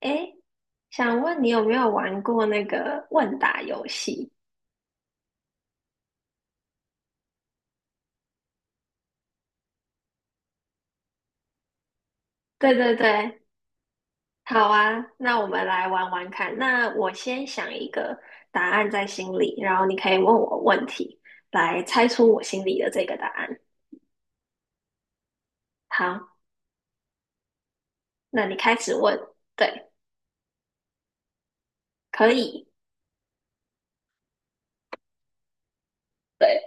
诶，想问你有没有玩过那个问答游戏？对对对，好啊，那我们来玩玩看。那我先想一个答案在心里，然后你可以问我问题，来猜出我心里的这个答案。好，那你开始问。对，可以。对，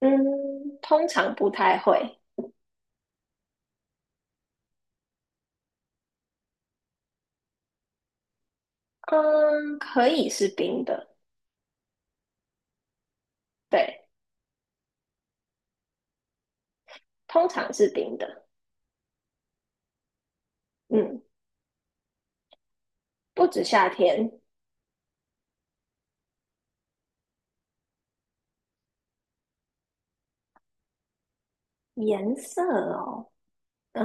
嗯，通常不太会。嗯，可以是冰的。对，通常是冰的。嗯，不止夏天。颜色哦，嗯，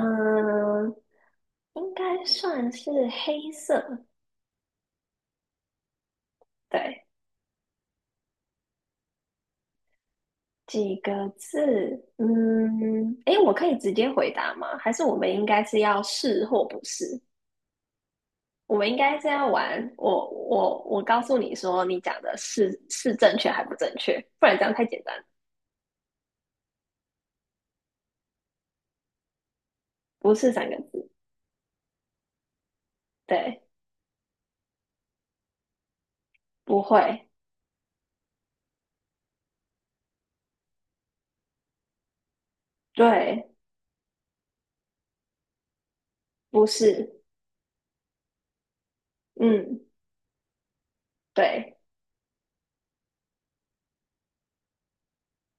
应该算是黑色，对，几个字，我可以直接回答吗？还是我们应该是要是或不是？我们应该是要玩，我告诉你说，你讲的是正确还不正确，不然这样太简单。不是三个字，对，不会，对，不是，嗯，对，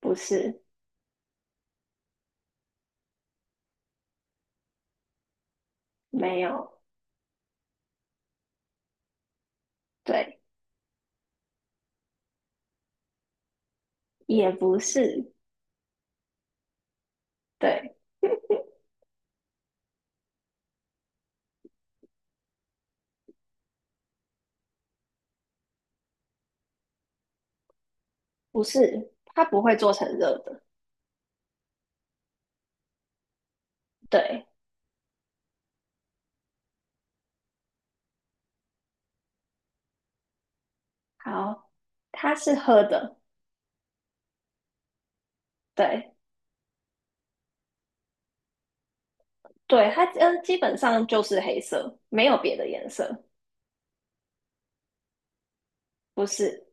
不是，没有，对，也不是，对，不是，它不会做成热的，对。好，它是喝的，对对，它基本上就是黑色，没有别的颜色，不是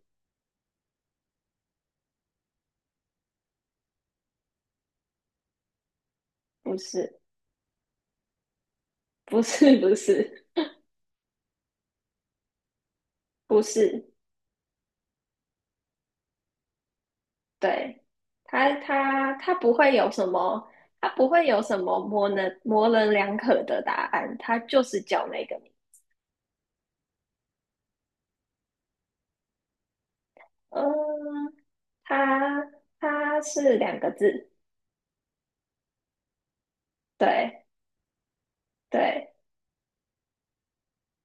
不是不是 不是不是，对，它不会有什么，它不会有什么模棱两可的答案，它就是叫那个名嗯、它它是两个字，对对，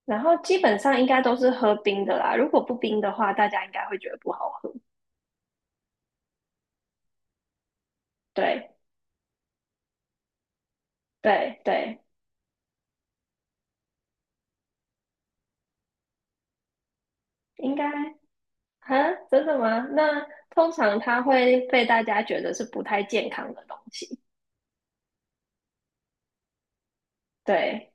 然后基本上应该都是喝冰的啦，如果不冰的话，大家应该会觉得不好喝，对。对对应该啊，真的吗？那通常它会被大家觉得是不太健康的东西。对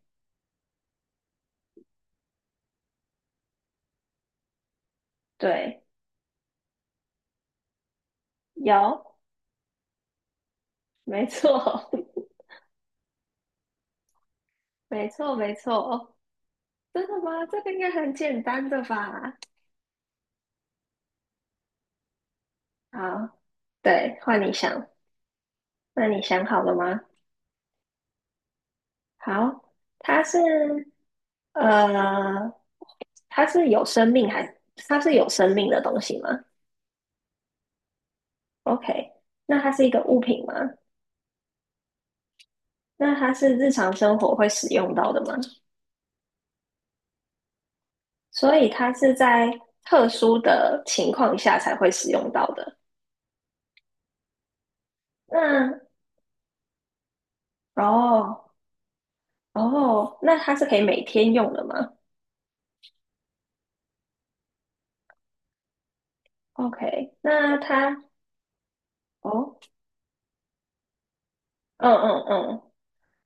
对，有，没错，没错，没错。真的吗？这个应该很简单的吧？好，对，换你想。那你想好了吗？好，它是呃，它是有生命还它是有生命的东西吗？OK,那它是一个物品吗？那它是日常生活会使用到的吗？所以它是在特殊的情况下才会使用到的。那哦哦，那它是可以每天用的吗？OK,那它哦，嗯嗯嗯，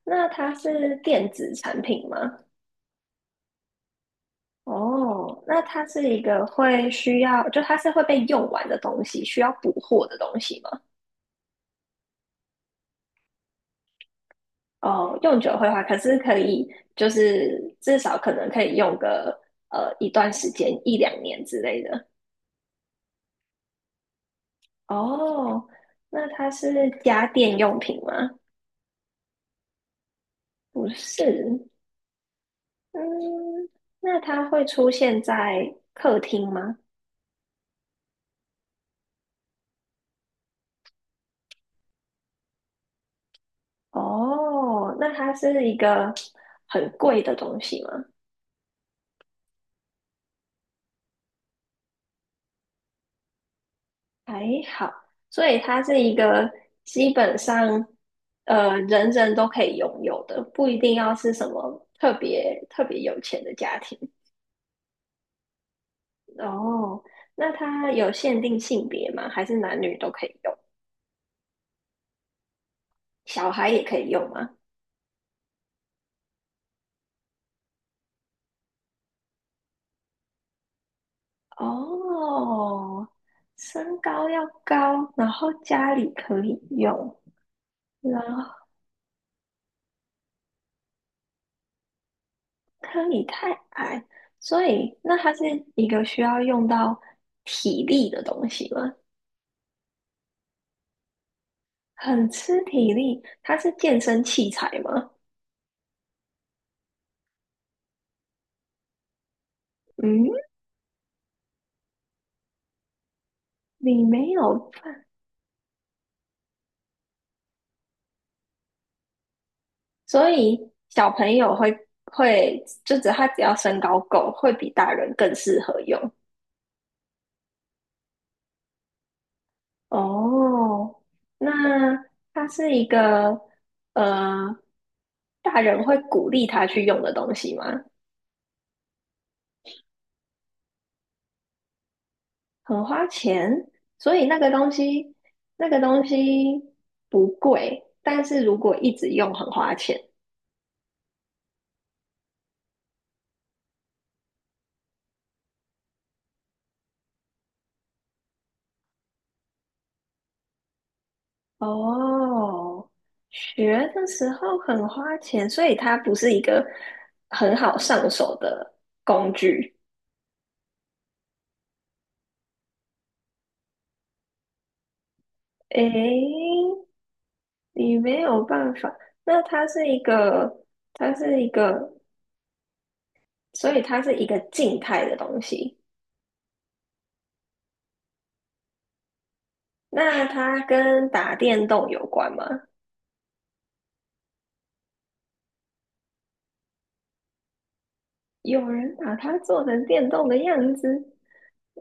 那它是电子产品吗？哦，那它是一个会需要，就它是会被用完的东西，需要补货的东西吗？哦，用久会坏，可是可以，就是至少可能可以用个一段时间，一两年之类的。哦，那它是家电用品吗？不是，嗯，那它会出现在客厅吗？哦，那它是一个很贵的东西吗？还好，所以它是一个基本上人人都可以拥有的，不一定要是什么特别特别有钱的家庭。哦，那它有限定性别吗？还是男女都可以用？小孩也可以用吗？哦，身高要高，然后家里可以用，然后可以太矮，所以那它是一个需要用到体力的东西吗？很吃体力，它是健身器材吗？嗯，你没有，所以小朋友会会，就只他只要身高够，会比大人更适合用。哦，那它是一个呃大人会鼓励他去用的东西吗？很花钱，所以那个东西，那个东西不贵，但是如果一直用很花钱。哦，学的时候很花钱，所以它不是一个很好上手的工具。诶，你没有办法，那它是一个，它是一个，所以它是一个静态的东西。那它跟打电动有关吗？有人把它做成电动的样子，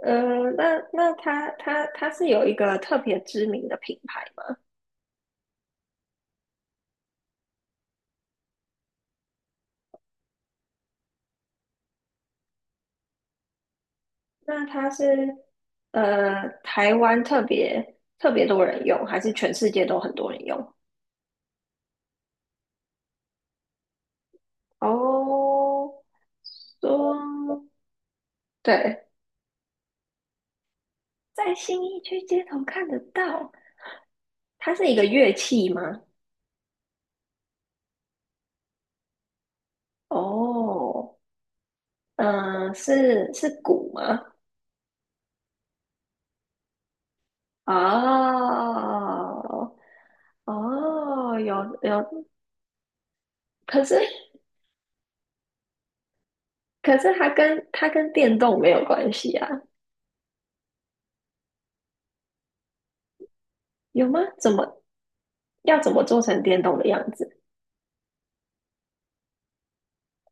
那它是有一个特别知名的品牌吗？那它是台湾特别特别多人用，还是全世界都很多人用？哦，说对，在新义区街头看得到，它是一个乐器吗？哦，是是鼓吗？哦哦，有有可是它跟电动没有关系啊，有吗？怎么要怎么做成电动的样子？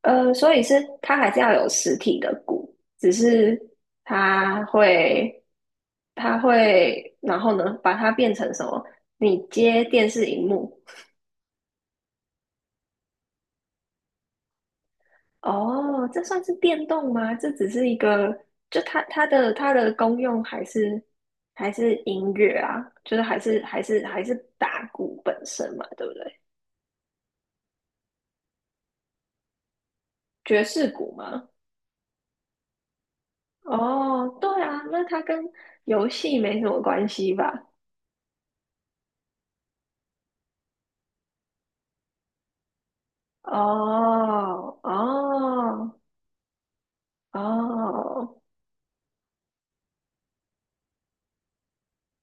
呃，所以是它还是要有实体的鼓，只是它会它会，然后呢，把它变成什么？你接电视荧幕。哦，这算是电动吗？这只是一个，就它的功用还是还是音乐啊，就是还是打鼓本身嘛，对不对？爵士鼓吗？哦，对啊，那它跟游戏没什么关系吧？哦哦哦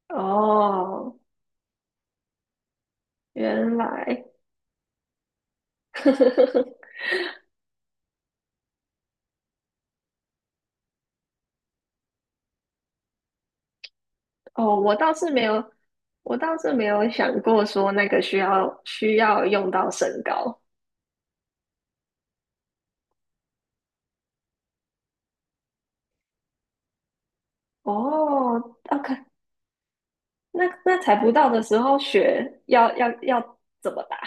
哦，原来哦，我倒是没有，我倒是没有想过说那个需要用到身高。哦，OK,那那踩不到的时候学要怎么打？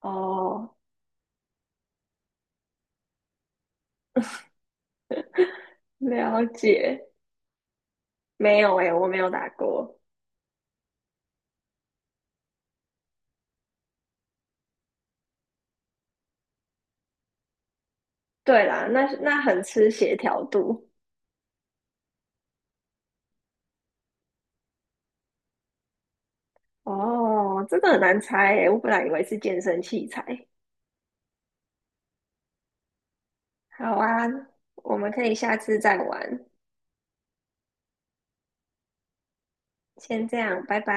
哦，了解，没有诶，我没有打过。对啦，那那很吃协调度。哦，这个很难猜诶，我本来以为是健身器材。好啊，我们可以下次再玩，先这样，拜拜。